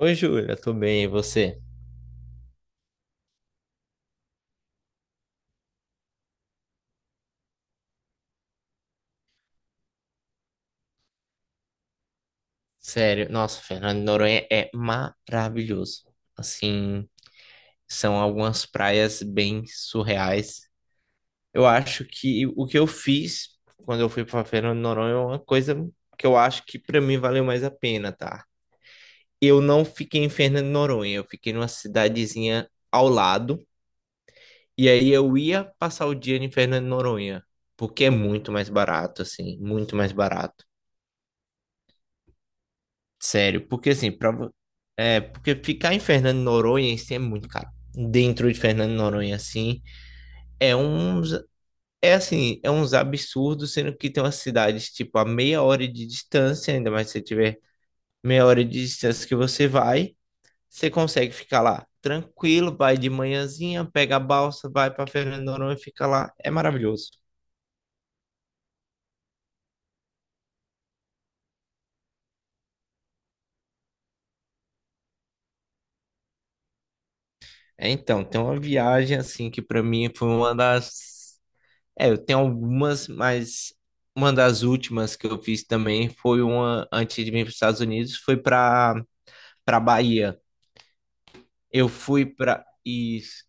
Oi, Júlia, tudo bem? E você? Sério, nossa, Fernando de Noronha é maravilhoso. Assim, são algumas praias bem surreais. Eu acho que o que eu fiz quando eu fui para Fernando de Noronha é uma coisa que eu acho que para mim valeu mais a pena, tá? Eu não fiquei em Fernando de Noronha, eu fiquei numa cidadezinha ao lado, e aí eu ia passar o dia em Fernando de Noronha, porque é muito mais barato, assim, muito mais barato. Sério, porque assim, porque ficar em Fernando de Noronha em si é muito caro. Dentro de Fernando de Noronha, assim, é uns, é uns absurdos, sendo que tem umas cidades, tipo, a meia hora de distância, ainda mais se você tiver meia hora de distância que você vai, você consegue ficar lá tranquilo, vai de manhãzinha, pega a balsa, vai para Fernando de Noronha e fica lá. É maravilhoso. É, então, tem uma viagem, assim, que pra mim foi uma das. É, eu tenho algumas, mas uma das últimas que eu fiz também foi uma antes de vir para os Estados Unidos, foi para Bahia. Eu fui para isso,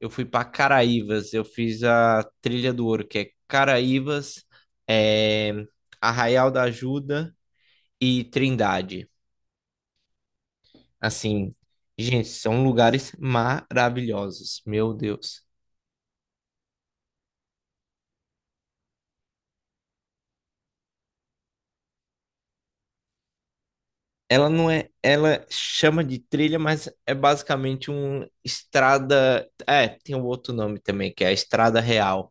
eu fui para Caraívas, eu fiz a Trilha do Ouro, que é Caraívas, é, Arraial da Ajuda e Trindade. Assim, gente, são lugares maravilhosos, meu Deus. Ela não é, Ela chama de trilha, mas é basicamente uma estrada. É, tem um outro nome também, que é a estrada real,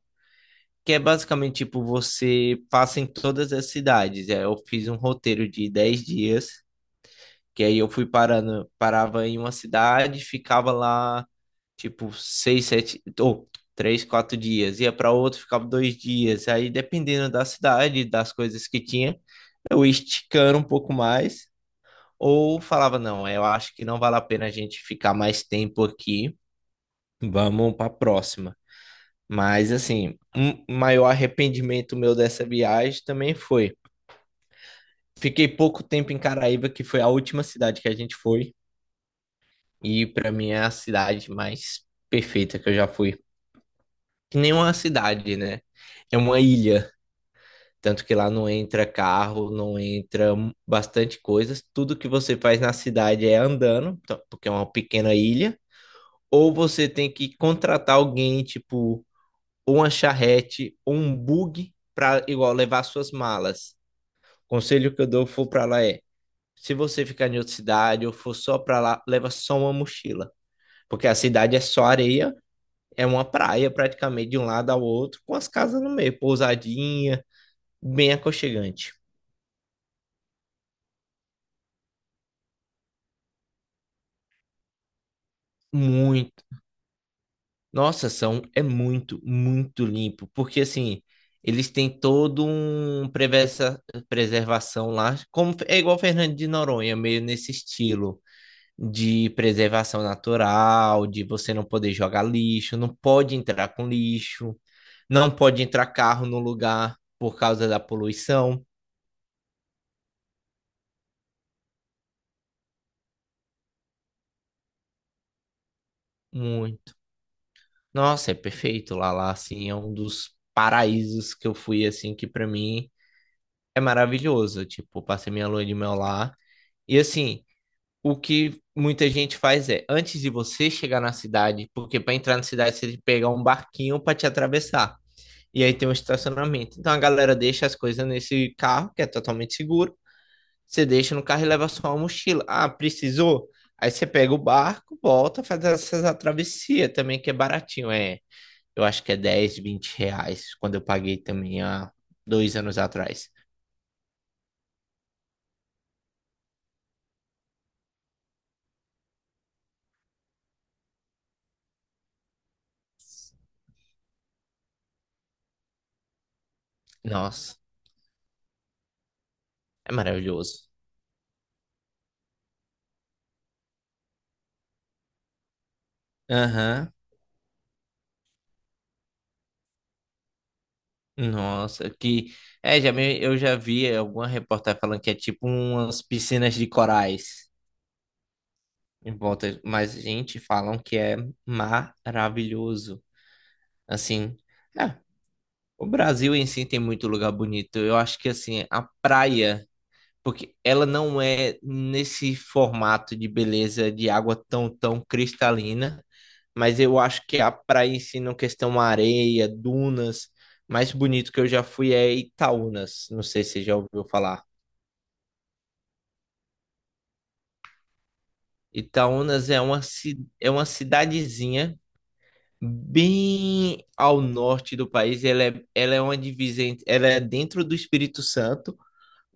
que é basicamente tipo você passa em todas as cidades. É, eu fiz um roteiro de 10 dias, que aí eu fui parando, parava em uma cidade, ficava lá tipo 6 7 ou 3 4 dias, ia para outro ficava dois dias. Aí dependendo da cidade, das coisas que tinha, eu ia esticando um pouco mais. Ou falava, não, eu acho que não vale a pena a gente ficar mais tempo aqui, vamos para a próxima. Mas, assim, um maior arrependimento meu dessa viagem também foi. Fiquei pouco tempo em Caraíba, que foi a última cidade que a gente foi, e para mim é a cidade mais perfeita que eu já fui. Que nem uma cidade, né? É uma ilha. Tanto que lá não entra carro, não entra bastante coisas. Tudo que você faz na cidade é andando, então, porque é uma pequena ilha, ou você tem que contratar alguém, tipo, ou uma charrete, ou um bug para igual levar suas malas. O conselho que eu dou for para lá é: se você ficar em outra cidade ou for só para lá, leva só uma mochila, porque a cidade é só areia, é uma praia praticamente de um lado ao outro, com as casas no meio, pousadinha, bem aconchegante. Muito Nossa, são é muito, muito limpo, porque assim, eles têm todo um preservação lá, como é igual Fernando de Noronha, meio nesse estilo de preservação natural, de você não poder jogar lixo, não pode entrar com lixo, não pode entrar carro no lugar por causa da poluição, muito. Nossa, é perfeito lá assim, é um dos paraísos que eu fui assim que pra mim é maravilhoso, tipo, passei minha lua de mel lá. E assim, o que muita gente faz é, antes de você chegar na cidade, porque para entrar na cidade você tem que pegar um barquinho para te atravessar. E aí tem um estacionamento. Então a galera deixa as coisas nesse carro, que é totalmente seguro. Você deixa no carro e leva só a mochila. Ah, precisou? Aí você pega o barco, volta, faz essa travessia também, que é baratinho. É, eu acho que é 10, R$ 20, quando eu paguei também há 2 anos atrás. Nossa, é maravilhoso. Aham. Nossa, que é, já me- eu já vi alguma reportagem falando que é tipo umas piscinas de corais em volta, mas gente, falam que é maravilhoso. Assim, é, o Brasil em si tem muito lugar bonito. Eu acho que assim, a praia porque ela não é nesse formato de beleza de água tão, tão cristalina, mas eu acho que a praia em si, na questão areia, dunas, mais bonito que eu já fui é Itaúnas. Não sei se você já ouviu falar. Itaúnas é uma cidadezinha bem ao norte do país. Ela é uma divisa, ela é dentro do Espírito Santo.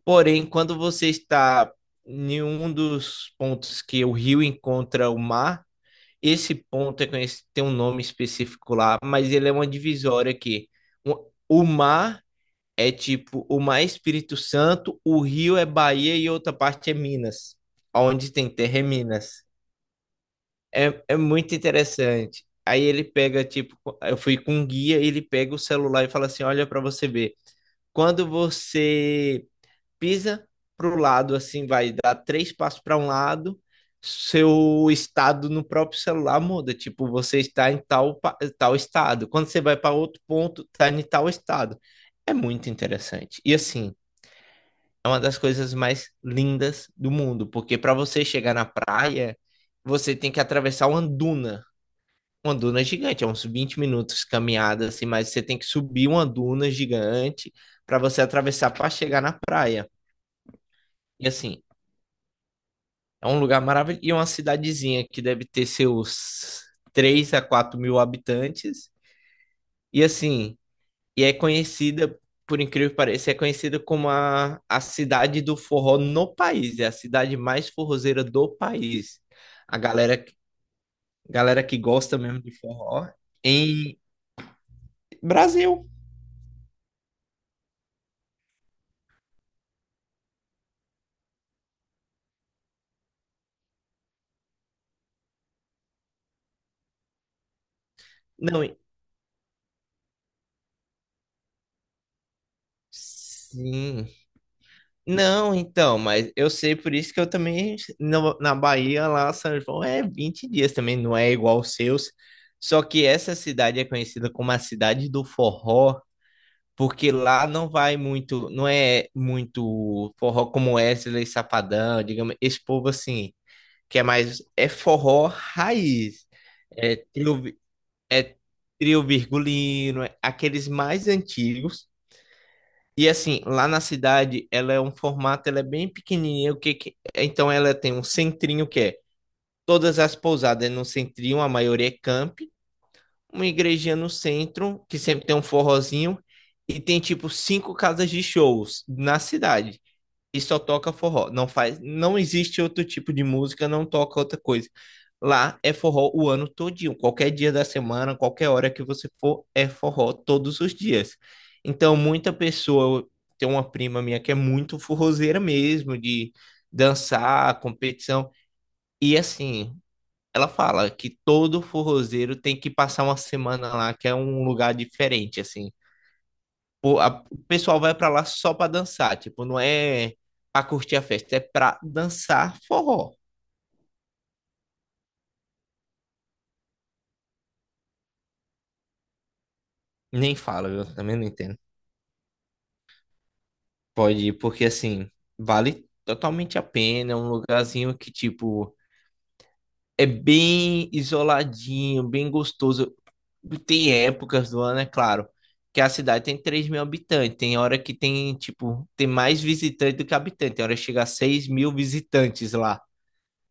Porém, quando você está em um dos pontos que o rio encontra o mar. Esse ponto é conhecido, tem um nome específico lá, mas ele é uma divisória que o o mar é Espírito Santo, o rio é Bahia e outra parte é Minas. Onde tem terra é Minas. É muito interessante. Aí ele pega, tipo, eu fui com um guia, ele pega o celular e fala assim: olha para você ver. Quando você pisa para o lado, assim, vai dar três passos para um lado, seu estado no próprio celular muda. Tipo, você está em tal, tal estado. Quando você vai para outro ponto, está em tal estado. É muito interessante. E assim, é uma das coisas mais lindas do mundo, porque para você chegar na praia, você tem que atravessar uma duna. Uma duna gigante, é uns 20 minutos caminhada, assim, mas você tem que subir uma duna gigante para você atravessar para chegar na praia. E assim, é um lugar maravilhoso. E é uma cidadezinha que deve ter seus 3 a 4 mil habitantes. E assim, e é conhecida, por incrível que pareça, é conhecida como a cidade do forró no país. É a cidade mais forrozeira do país. A galera que gosta mesmo de forró em Brasil. Não, sim. Não, então, mas eu sei por isso que eu também, na Bahia, lá, São João é 20 dias também, não é igual aos seus. Só que essa cidade é conhecida como a cidade do forró, porque lá não vai muito, não é muito forró como Wesley Safadão, digamos, esse povo assim, que é mais, é forró raiz, é trio, vi- é trio virgulino, é aqueles mais antigos. E assim, lá na cidade, ela é um formato, ela é bem pequenininha, então ela tem um centrinho que é todas as pousadas é no centrinho, a maioria é camp, uma igrejinha no centro, que sempre tem um forrozinho, e tem tipo cinco casas de shows na cidade e só toca forró. Não faz, não existe outro tipo de música, não toca outra coisa. Lá é forró o ano todinho. Qualquer dia da semana, qualquer hora que você for, é forró todos os dias. Então, muita pessoa, tem uma prima minha que é muito forrozeira mesmo, de dançar, competição. E assim, ela fala que todo forrozeiro tem que passar uma semana lá, que é um lugar diferente, assim. Pô, o pessoal vai pra lá só pra dançar, tipo, não é pra curtir a festa, é pra dançar forró. Nem fala, viu? Também não entendo. Pode ir, porque assim, vale totalmente a pena, é um lugarzinho que, tipo, é bem isoladinho, bem gostoso. Tem épocas do ano, é claro, que a cidade tem 3 mil habitantes, tem hora que tem, tipo, tem mais visitante do que habitante, tem hora que chega a 6 mil visitantes lá.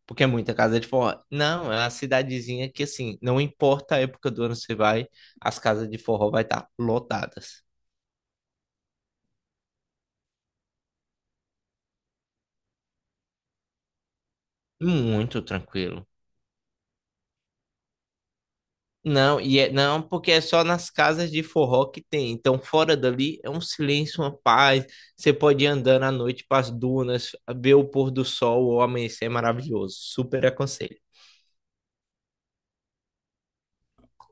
Porque é muita casa de forró. Não, é uma cidadezinha que, assim, não importa a época do ano que você vai, as casas de forró vai estar lotadas. Muito tranquilo. Não, não, porque é só nas casas de forró que tem. Então, fora dali é um silêncio, uma paz. Você pode ir andando à noite para as dunas, ver o pôr do sol ou amanhecer é maravilhoso. Super aconselho.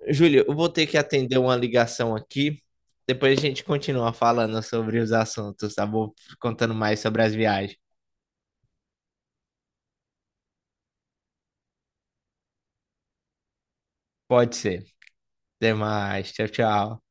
Júlio, eu vou ter que atender uma ligação aqui. Depois a gente continua falando sobre os assuntos, tá bom? Contando mais sobre as viagens. Pode ser. Até mais. Tchau, tchau.